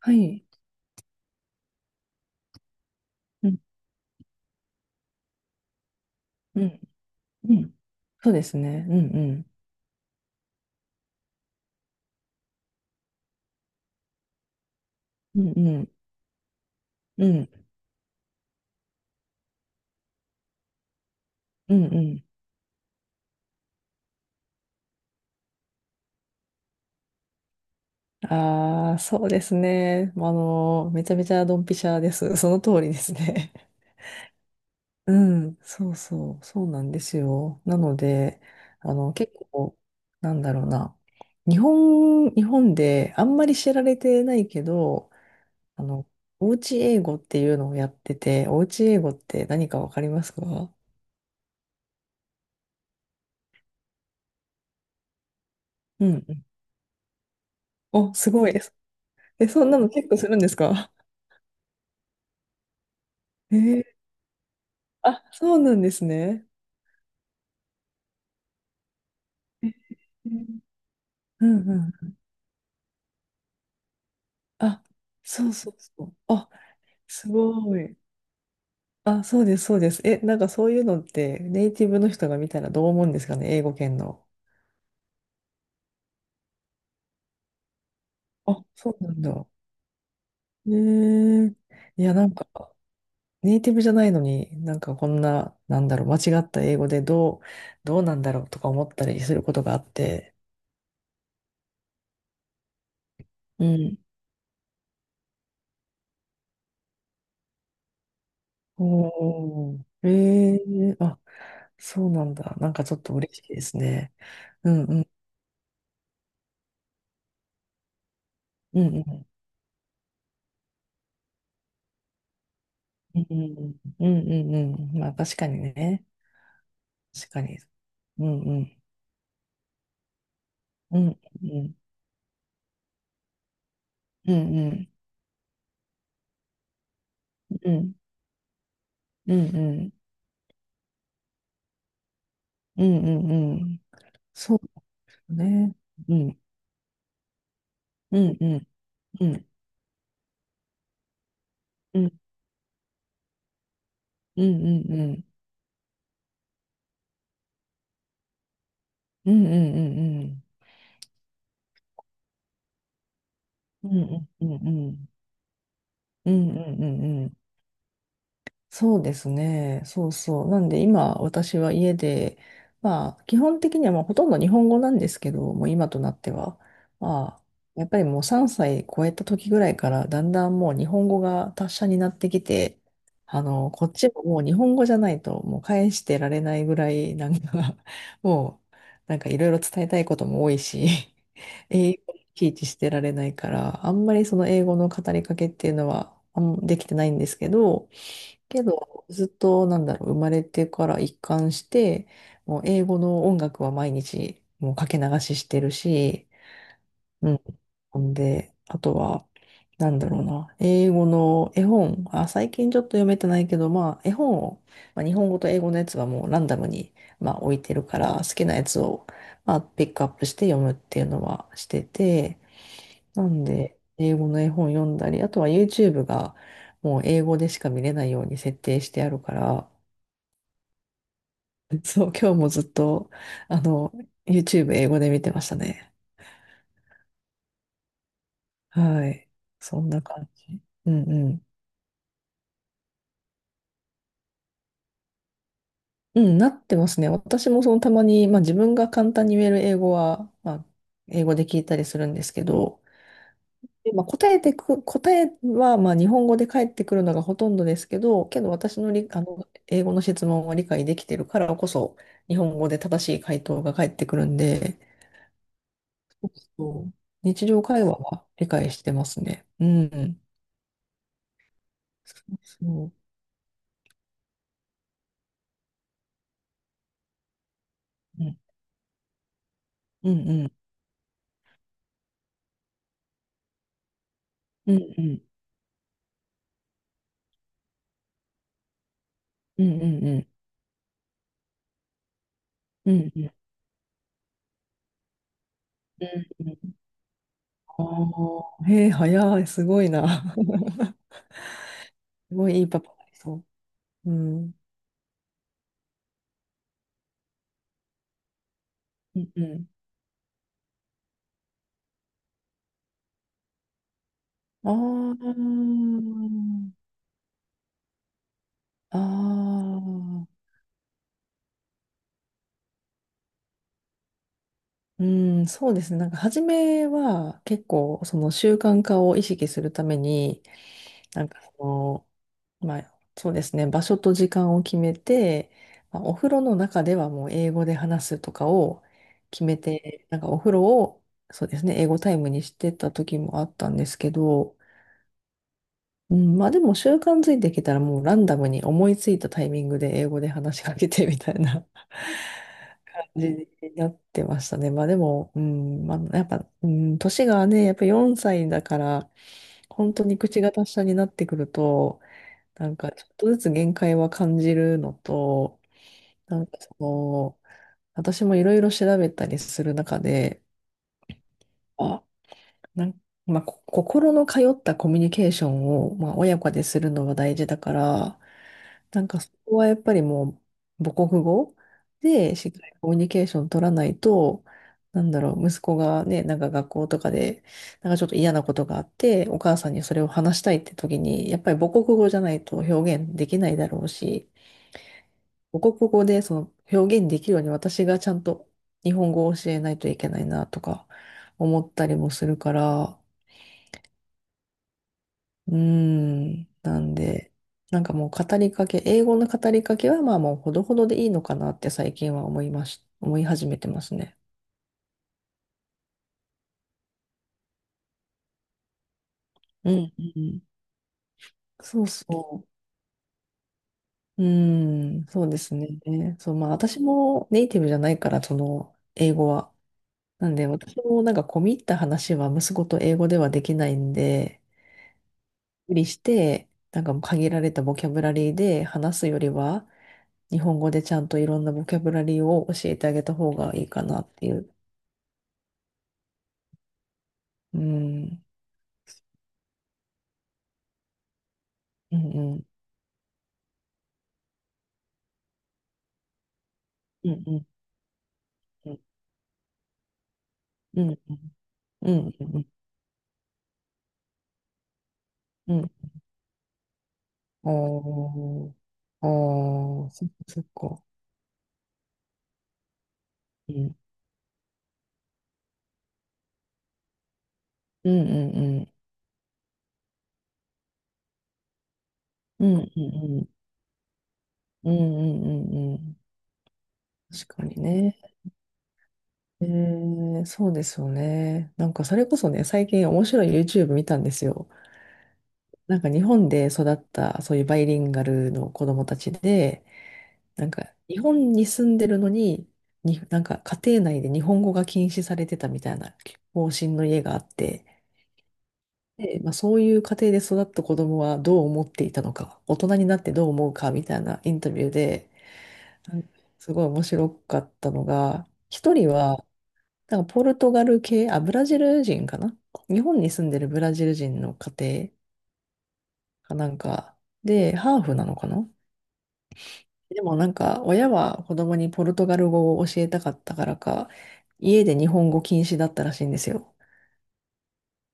はい。うん、うん、うん。そうですね。うん、うん、うん、うん、うん、うん。ああ、そうですね。めちゃめちゃドンピシャです。その通りですね。うん、そうそう、そうなんですよ。なので、結構、なんだろうな。日本であんまり知られてないけど、あの、おうち英語っていうのをやってて、おうち英語って何かわかりますか？うんうん。お、すごいです。え、そんなの結構するんですか？えー、あ、そうなんですね。えーうんうん。あ、そうそうそう。あ、すごい。あ、そうです、そうです。え、なんかそういうのってネイティブの人が見たらどう思うんですかね、英語圏の。あ、そうなんだ。えー、いや、なんか、ネイティブじゃないのに、なんかこんな、なんだろう、間違った英語でどうなんだろうとか思ったりすることがあって。うん。おー、あ、そうなんだ。なんかちょっと嬉しいですね。うんうんうんうんうんうんうんうんうんうん。まあ確かにね。確かに。うんうんうんうんうんうんうんうんうんうんうんうん。そうね。うんうんうんうんうんうんうんうんうんうんうんうんうんうんうん。そうですね。そうそう。なんで今私は家で、まあ基本的にはまあほとんど日本語なんですけど、もう今となっては、まあやっぱりもう3歳超えた時ぐらいからだんだんもう日本語が達者になってきて、こっちももう日本語じゃないともう返してられないぐらいなんか もうなんかいろいろ伝えたいことも多いし、英語にいちいちしてられないから、あんまりその英語の語りかけっていうのはあんできてないんですけど、けど、ずっと、なんだろう、生まれてから一貫して、もう英語の音楽は毎日、もうかけ流ししてるし、うん。ほんで、あとは、なんだろうな、英語の絵本、あ、最近ちょっと読めてないけど、まあ、絵本を、まあ、日本語と英語のやつはもうランダムに、まあ、置いてるから、好きなやつを、まあ、ピックアップして読むっていうのはしてて、なんで、英語の絵本読んだり、あとは YouTube がもう英語でしか見れないように設定してあるから、そう、今日もずっと、あの、YouTube 英語で見てましたね。はい。そんな感じ。うんうん。うん、なってますね。私もそのたまに、まあ自分が簡単に言える英語は、まあ英語で聞いたりするんですけど、でまあ、答えはまあ日本語で返ってくるのがほとんどですけど、けど私のり、あの英語の質問を理解できてるからこそ、日本語で正しい回答が返ってくるんで、そう、日常会話は理解してますね。うん。そうそう。うんうんうん。うんうんうんうんうんうんうんうんうん。ああ、へえ、早い、すごいな。すごいいいパパになりそう。うん。うんうん。ああ。ああ、うん、そうですね。なんか初めは結構その習慣化を意識するために、なんかその、まあそうですね、場所と時間を決めて、まあ、お風呂の中ではもう英語で話すとかを決めて、なんかお風呂を、そうですね、英語タイムにしてた時もあったんですけど、うん、まあでも習慣づいてきたらもうランダムに思いついたタイミングで英語で話しかけてみたいな 感じになってましたね。まあでも、うん、まあやっぱ、うん、年がね、やっぱ4歳だから、本当に口が達者になってくると、なんかちょっとずつ限界は感じるのと、なんかその、私もいろいろ調べたりする中で、あ、なんかまあ、こ心の通ったコミュニケーションを、まあ、親子でするのは大事だから、なんかそこはやっぱりもう母国語でしっかりコミュニケーション取らないと、なんだろう、息子がね、なんか学校とかで、なんかちょっと嫌なことがあって、お母さんにそれを話したいって時に、やっぱり母国語じゃないと表現できないだろうし、母国語でその表現できるように私がちゃんと日本語を教えないといけないなとか思ったりもするから、うーん。なんで、なんかもう語りかけ、英語の語りかけはまあもうほどほどでいいのかなって最近は思い始めてますね。うん、うん。そうそう。うーん、そうですね。そう、まあ私もネイティブじゃないから、その英語は。なんで私もなんか込み入った話は息子と英語ではできないんで、無理して、なんかもう限られたボキャブラリーで話すよりは、日本語でちゃんといろんなボキャブラリーを教えてあげた方がいいかなっていう、うん、うん、うん、うん、うん、うん、うん、うん、うんうん、おー、おー、そっか、そっか、うん、うん、うん、うん、うん、うん、うん、うん、うん、うんうん、確かにね。そうですよね。なんか、それこそね、最近面白い YouTube 見たんですよ。なんか、日本で育った、そういうバイリンガルの子供たちで、なんか、日本に住んでるのに、なんか家庭内で日本語が禁止されてたみたいな方針の家があって、で、まあ、そういう家庭で育った子供はどう思っていたのか、大人になってどう思うかみたいなインタビューで、なんかすごい面白かったのが、一人は、なんかポルトガル系、あ、ブラジル人かな？日本に住んでるブラジル人の家庭かなんか、で、ハーフなのかな？でもなんか親は子供にポルトガル語を教えたかったからか、家で日本語禁止だったらしいんですよ。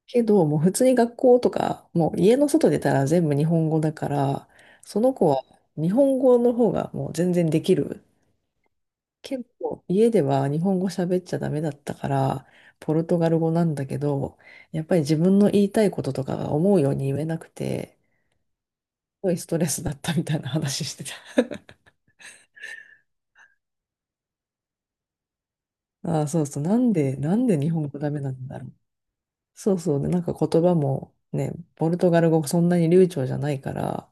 けど、もう普通に学校とか、もう家の外出たら全部日本語だから、その子は日本語の方がもう全然できる。けど、家では日本語喋っちゃダメだったから、ポルトガル語なんだけど、やっぱり自分の言いたいこととかが思うように言えなくて、すごいストレスだったみたいな話してた。ああ、そうそう。なんで、なんで日本語ダメなんだろう。そうそう、で、なんか言葉もね、ポルトガル語そんなに流暢じゃないから、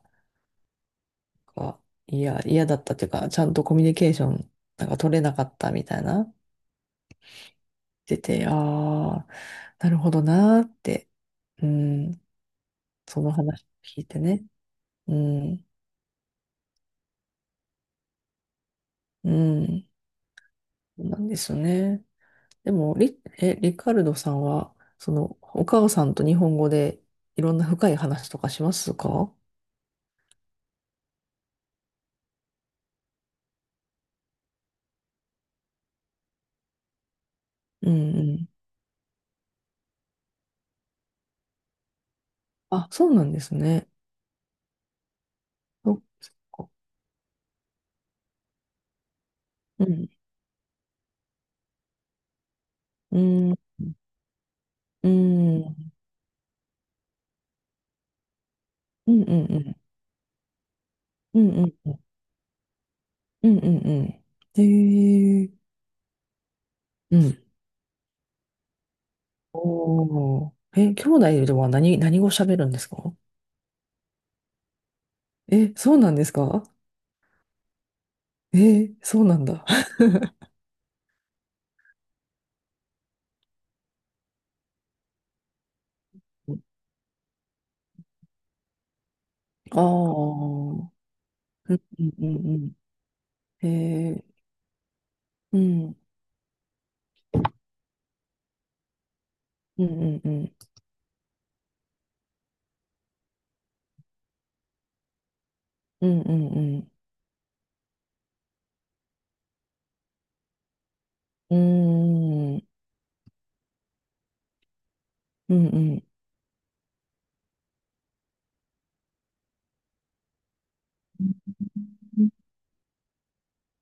あ、いや、嫌だったっていうか、ちゃんとコミュニケーションなんか取れなかったみたいな、出て、ああ、なるほどなーって、うん、その話聞いてね。うん、うん、そうなんですよね。でも、リカルドさんは、その、お母さんと日本語でいろんな深い話とかしますか？うんうん。あ、そうなんですね。そっか。うんうん、うん、うんうんうん、うんうん、うんうんうん。へえ、うん。おー。え、兄弟では何語喋るんですか？え、そうなんですか？え、そうなんだ。ああ、うんうんうんうん。うん、うんうんうん。うんうんうん。うーん、うんうん。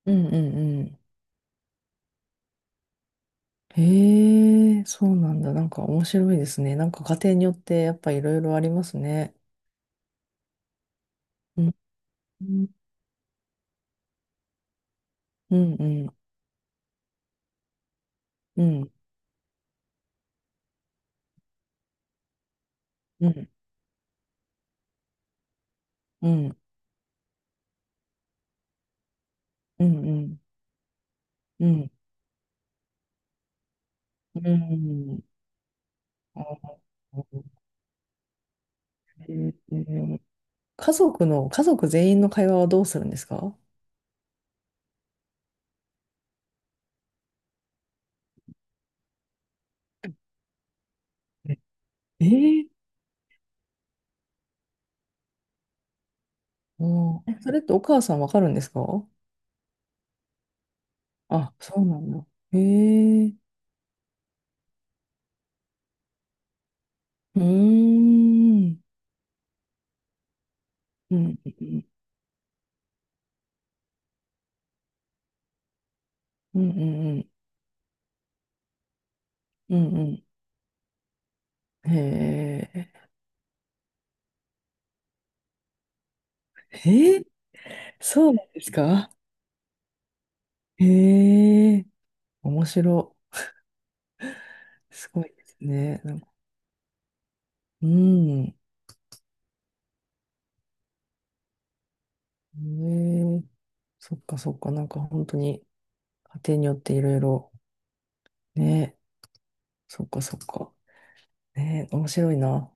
うんうんうん。へえ、そうなんだ。なんか面白いですね。なんか家庭によってやっぱいろいろありますね。うんうんうんうんうんうんうんうんうんうん、あー、えー家族全員の会話はどうするんですか？ええー、うん、え、それってお母さんわかるんですか？あ、そうなんだ。へえ、うーん、うん、うん、うん、うん、うん、うん、うん、へえ、へえ、そうなんですか？へえ、面白い、すごいですね、なんか、うん、ええ、そっかそっか、なんか本当に家庭によっていろいろ、ね、そっかそっか、ね、面白いな。